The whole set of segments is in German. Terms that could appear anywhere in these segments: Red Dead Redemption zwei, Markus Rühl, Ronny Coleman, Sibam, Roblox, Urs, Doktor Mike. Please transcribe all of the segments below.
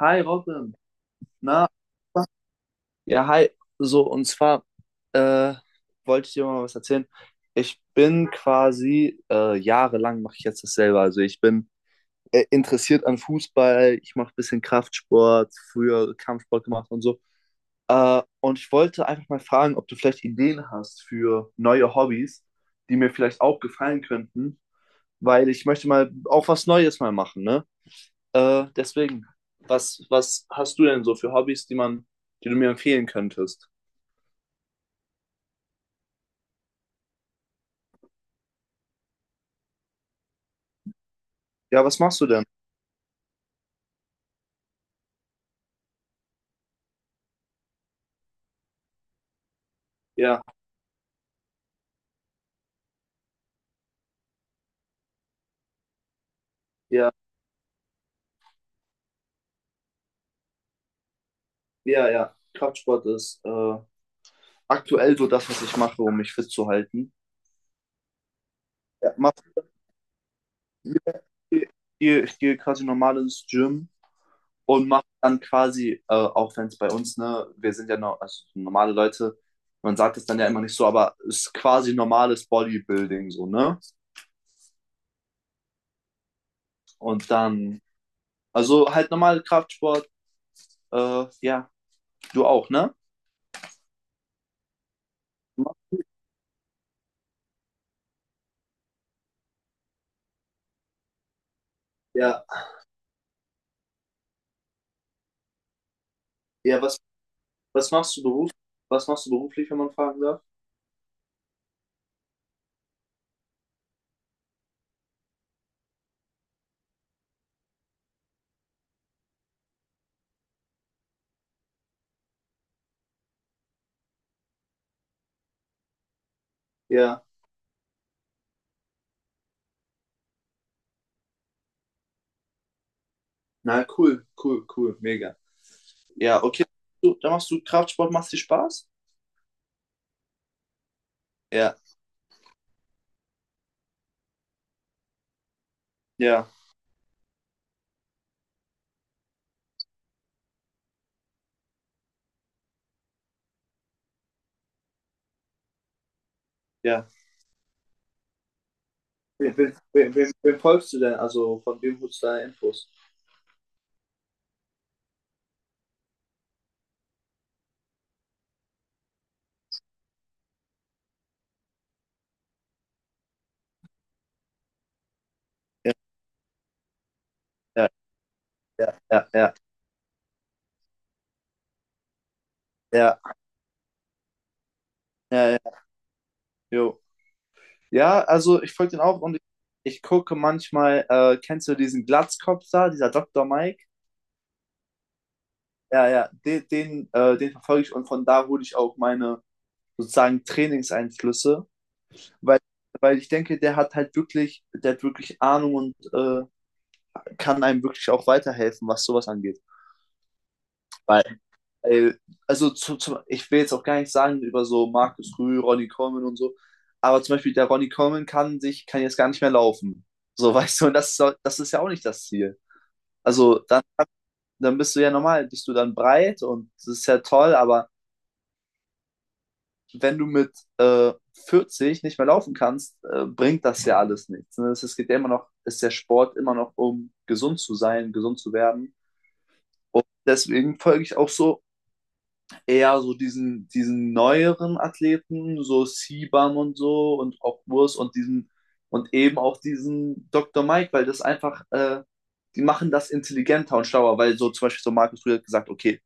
Hi Robin, na, ja, hi. So, und zwar äh, wollte ich dir mal was erzählen. Ich bin quasi jahrelang mache ich jetzt dasselbe. Also ich bin interessiert an Fußball, ich mache ein bisschen Kraftsport, früher Kampfsport gemacht und so. Und ich wollte einfach mal fragen, ob du vielleicht Ideen hast für neue Hobbys, die mir vielleicht auch gefallen könnten, weil ich möchte mal auch was Neues mal machen, ne? Äh, deswegen, was hast du denn so für Hobbys, die du mir empfehlen könntest? Ja, was machst du denn? Ja, ja, ja, ja. Kraftsport ist aktuell so das, was ich mache, um mich fit zu halten. Ja, ich ich gehe quasi normal ins Gym und mache dann quasi, auch wenn es bei uns, ne, wir sind ja noch, also normale Leute, man sagt es dann ja immer nicht so, aber es ist quasi normales Bodybuilding so, ne? Und dann, also halt normal Kraftsport, ja. Du auch, ne? Ja, ja, was machst du beruf, was machst du beruflich, wenn man fragen darf? Ja, na cool, cool, cool, mega. Ja, okay. Du, dann machst du Kraftsport, machst dir Spaß? Ja, ja, ja. Wem folgst du denn? Also von wem holst du deine Infos? Ja, ja, ja, ja, ja, ja, ja, ja, jo. Ja, also ich folge den auch und ich gucke manchmal, kennst du diesen Glatzkopf da, dieser Doktor Mike? Ja, ja, den verfolge ich und von da hole ich auch meine sozusagen Trainingseinflüsse, weil, weil ich denke, der hat wirklich Ahnung und kann einem wirklich auch weiterhelfen, was sowas angeht. Weil, weil also ich will jetzt auch gar nicht sagen über so Markus Rühl, Ronny Coleman und so, aber zum Beispiel der Ronny Coleman kann jetzt gar nicht mehr laufen. So, weißt du, und das ist ja auch nicht das Ziel. Also dann, dann bist du ja normal, bist du dann breit und das ist ja toll, aber wenn du mit äh, 40 nicht mehr laufen kannst, bringt das ja alles nichts. Ne? Es geht ja immer noch, ist der Sport immer noch um gesund zu sein, gesund zu werden. Und deswegen folge ich auch so eher so diesen neueren Athleten, so Sibam und so und auch Urs und diesen und eben auch diesen Dr. Mike, weil das einfach, die machen das intelligenter und schlauer, weil so zum Beispiel so Markus früher hat gesagt, okay,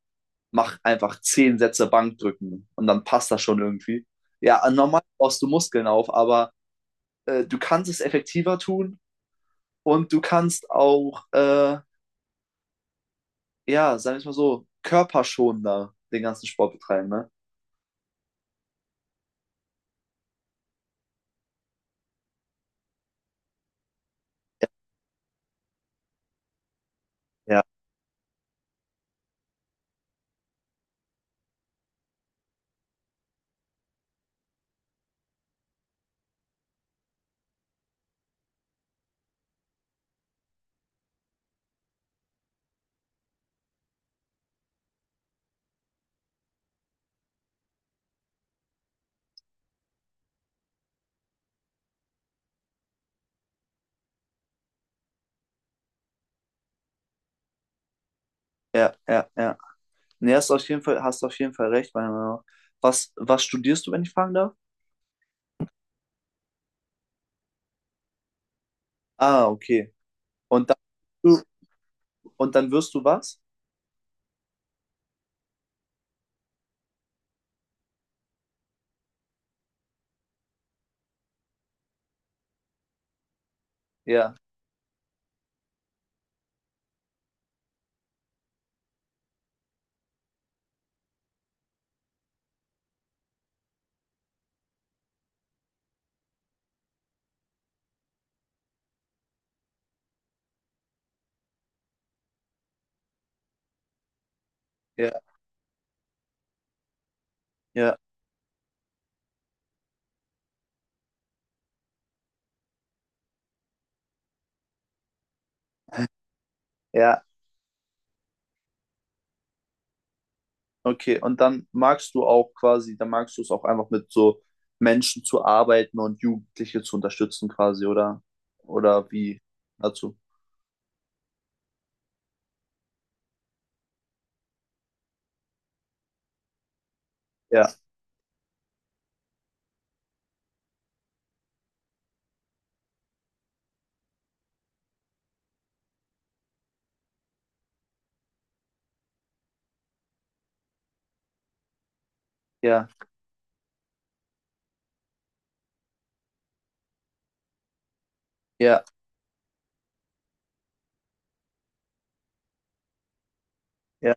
mach einfach 10 Sätze Bankdrücken und dann passt das schon irgendwie. Ja, normal baust du Muskeln auf, aber du kannst es effektiver tun und du kannst auch, ja, sagen wir es mal so, körperschonender den ganzen Sport betreiben, ne? Ja, ja, ja, ja. Nee, hast du auf jeden Fall recht, meiner Meinung nach. Was studierst du, wenn ich fragen darf? Ah, okay. Und dann, und dann wirst du was? Ja, ja, ja, ja. Okay, und dann magst du es auch einfach mit so Menschen zu arbeiten und Jugendliche zu unterstützen quasi, oder? Oder wie dazu? Ja, ja, ja, ja.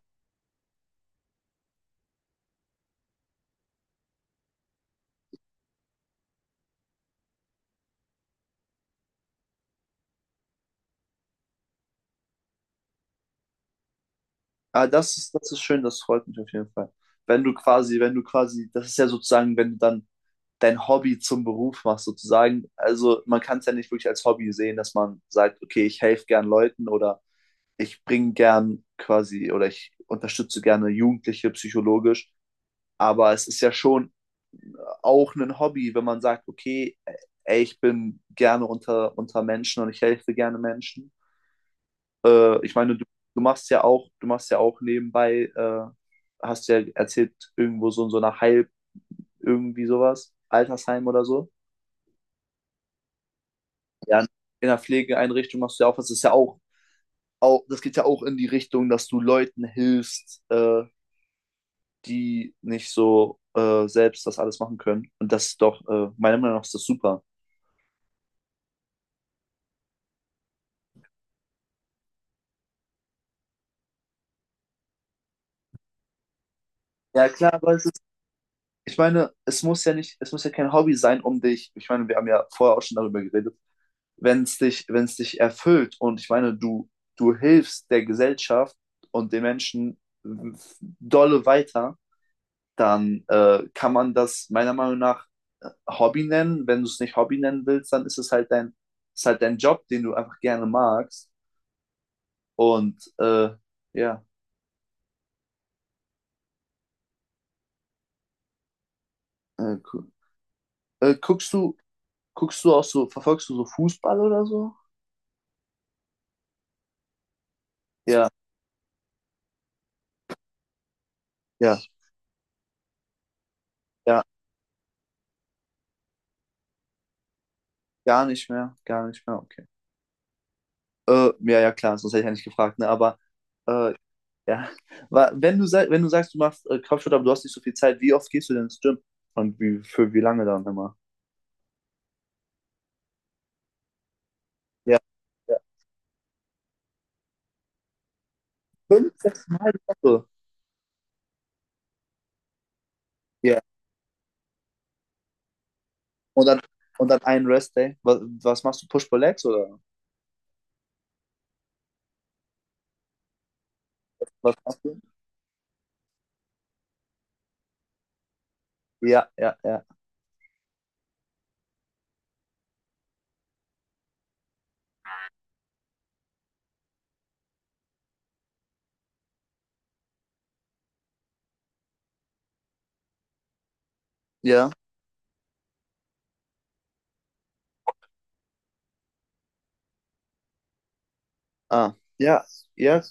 Ah, das ist schön, das freut mich auf jeden Fall. Wenn du quasi, wenn du quasi, das ist ja sozusagen, wenn du dann dein Hobby zum Beruf machst, sozusagen. Also man kann es ja nicht wirklich als Hobby sehen, dass man sagt, okay, ich helfe gern Leuten oder ich bringe gern quasi oder ich unterstütze gerne Jugendliche psychologisch. Aber es ist ja schon auch ein Hobby, wenn man sagt, okay, ey, ich bin gerne unter Menschen und ich helfe gerne Menschen. Ich meine, du machst ja auch, nebenbei, hast ja erzählt, irgendwo so in so einer Heil, irgendwie sowas, Altersheim oder so. Ja, in der Pflegeeinrichtung machst du ja auch was. Das geht ja auch in die Richtung, dass du Leuten hilfst, die nicht so selbst das alles machen können. Und das ist doch, meiner Meinung nach ist das super. Ja, klar, weißt du, ich meine, es muss ja kein Hobby sein, um dich, ich meine, wir haben ja vorher auch schon darüber geredet, wenn es dich erfüllt und ich meine, du hilfst der Gesellschaft und den Menschen dolle weiter, dann kann man das meiner Meinung nach Hobby nennen. Wenn du es nicht Hobby nennen willst, dann ist halt dein Job, den du einfach gerne magst. Und ja, cool. Äh, guckst du, guckst du auch so, verfolgst du so Fußball oder so? Ja, ja, ja. Gar nicht mehr, okay. Ja, ja, klar, sonst hätte ich ja nicht gefragt, ne? Aber äh, ja, wenn du sagst, du machst Kampfsport, aber du hast nicht so viel Zeit, wie oft gehst du denn ins Gym? Und für wie lange dann immer? Ja, ja. Fünf, sechs Mal die Woche. Ja. Und dann, und dann einen Restday. Was machst du? Push-Pull-Legs oder was machst du? Ja, ja, ja. Ja, ah, ja, ja.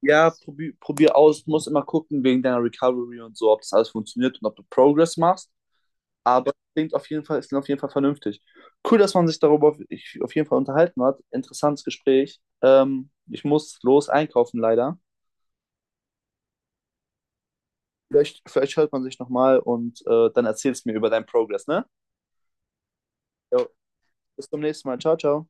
Ja, probier, probier aus. Du musst immer gucken wegen deiner Recovery und so, ob das alles funktioniert und ob du Progress machst. Aber klingt auf jeden Fall, es klingt auf jeden Fall vernünftig. Cool, dass man sich darüber auf jeden Fall unterhalten hat. Interessantes Gespräch. Ich muss los einkaufen, leider. Vielleicht hört man sich nochmal und dann erzählst du mir über deinen Progress, ne? Jo, bis zum nächsten Mal. Ciao, ciao.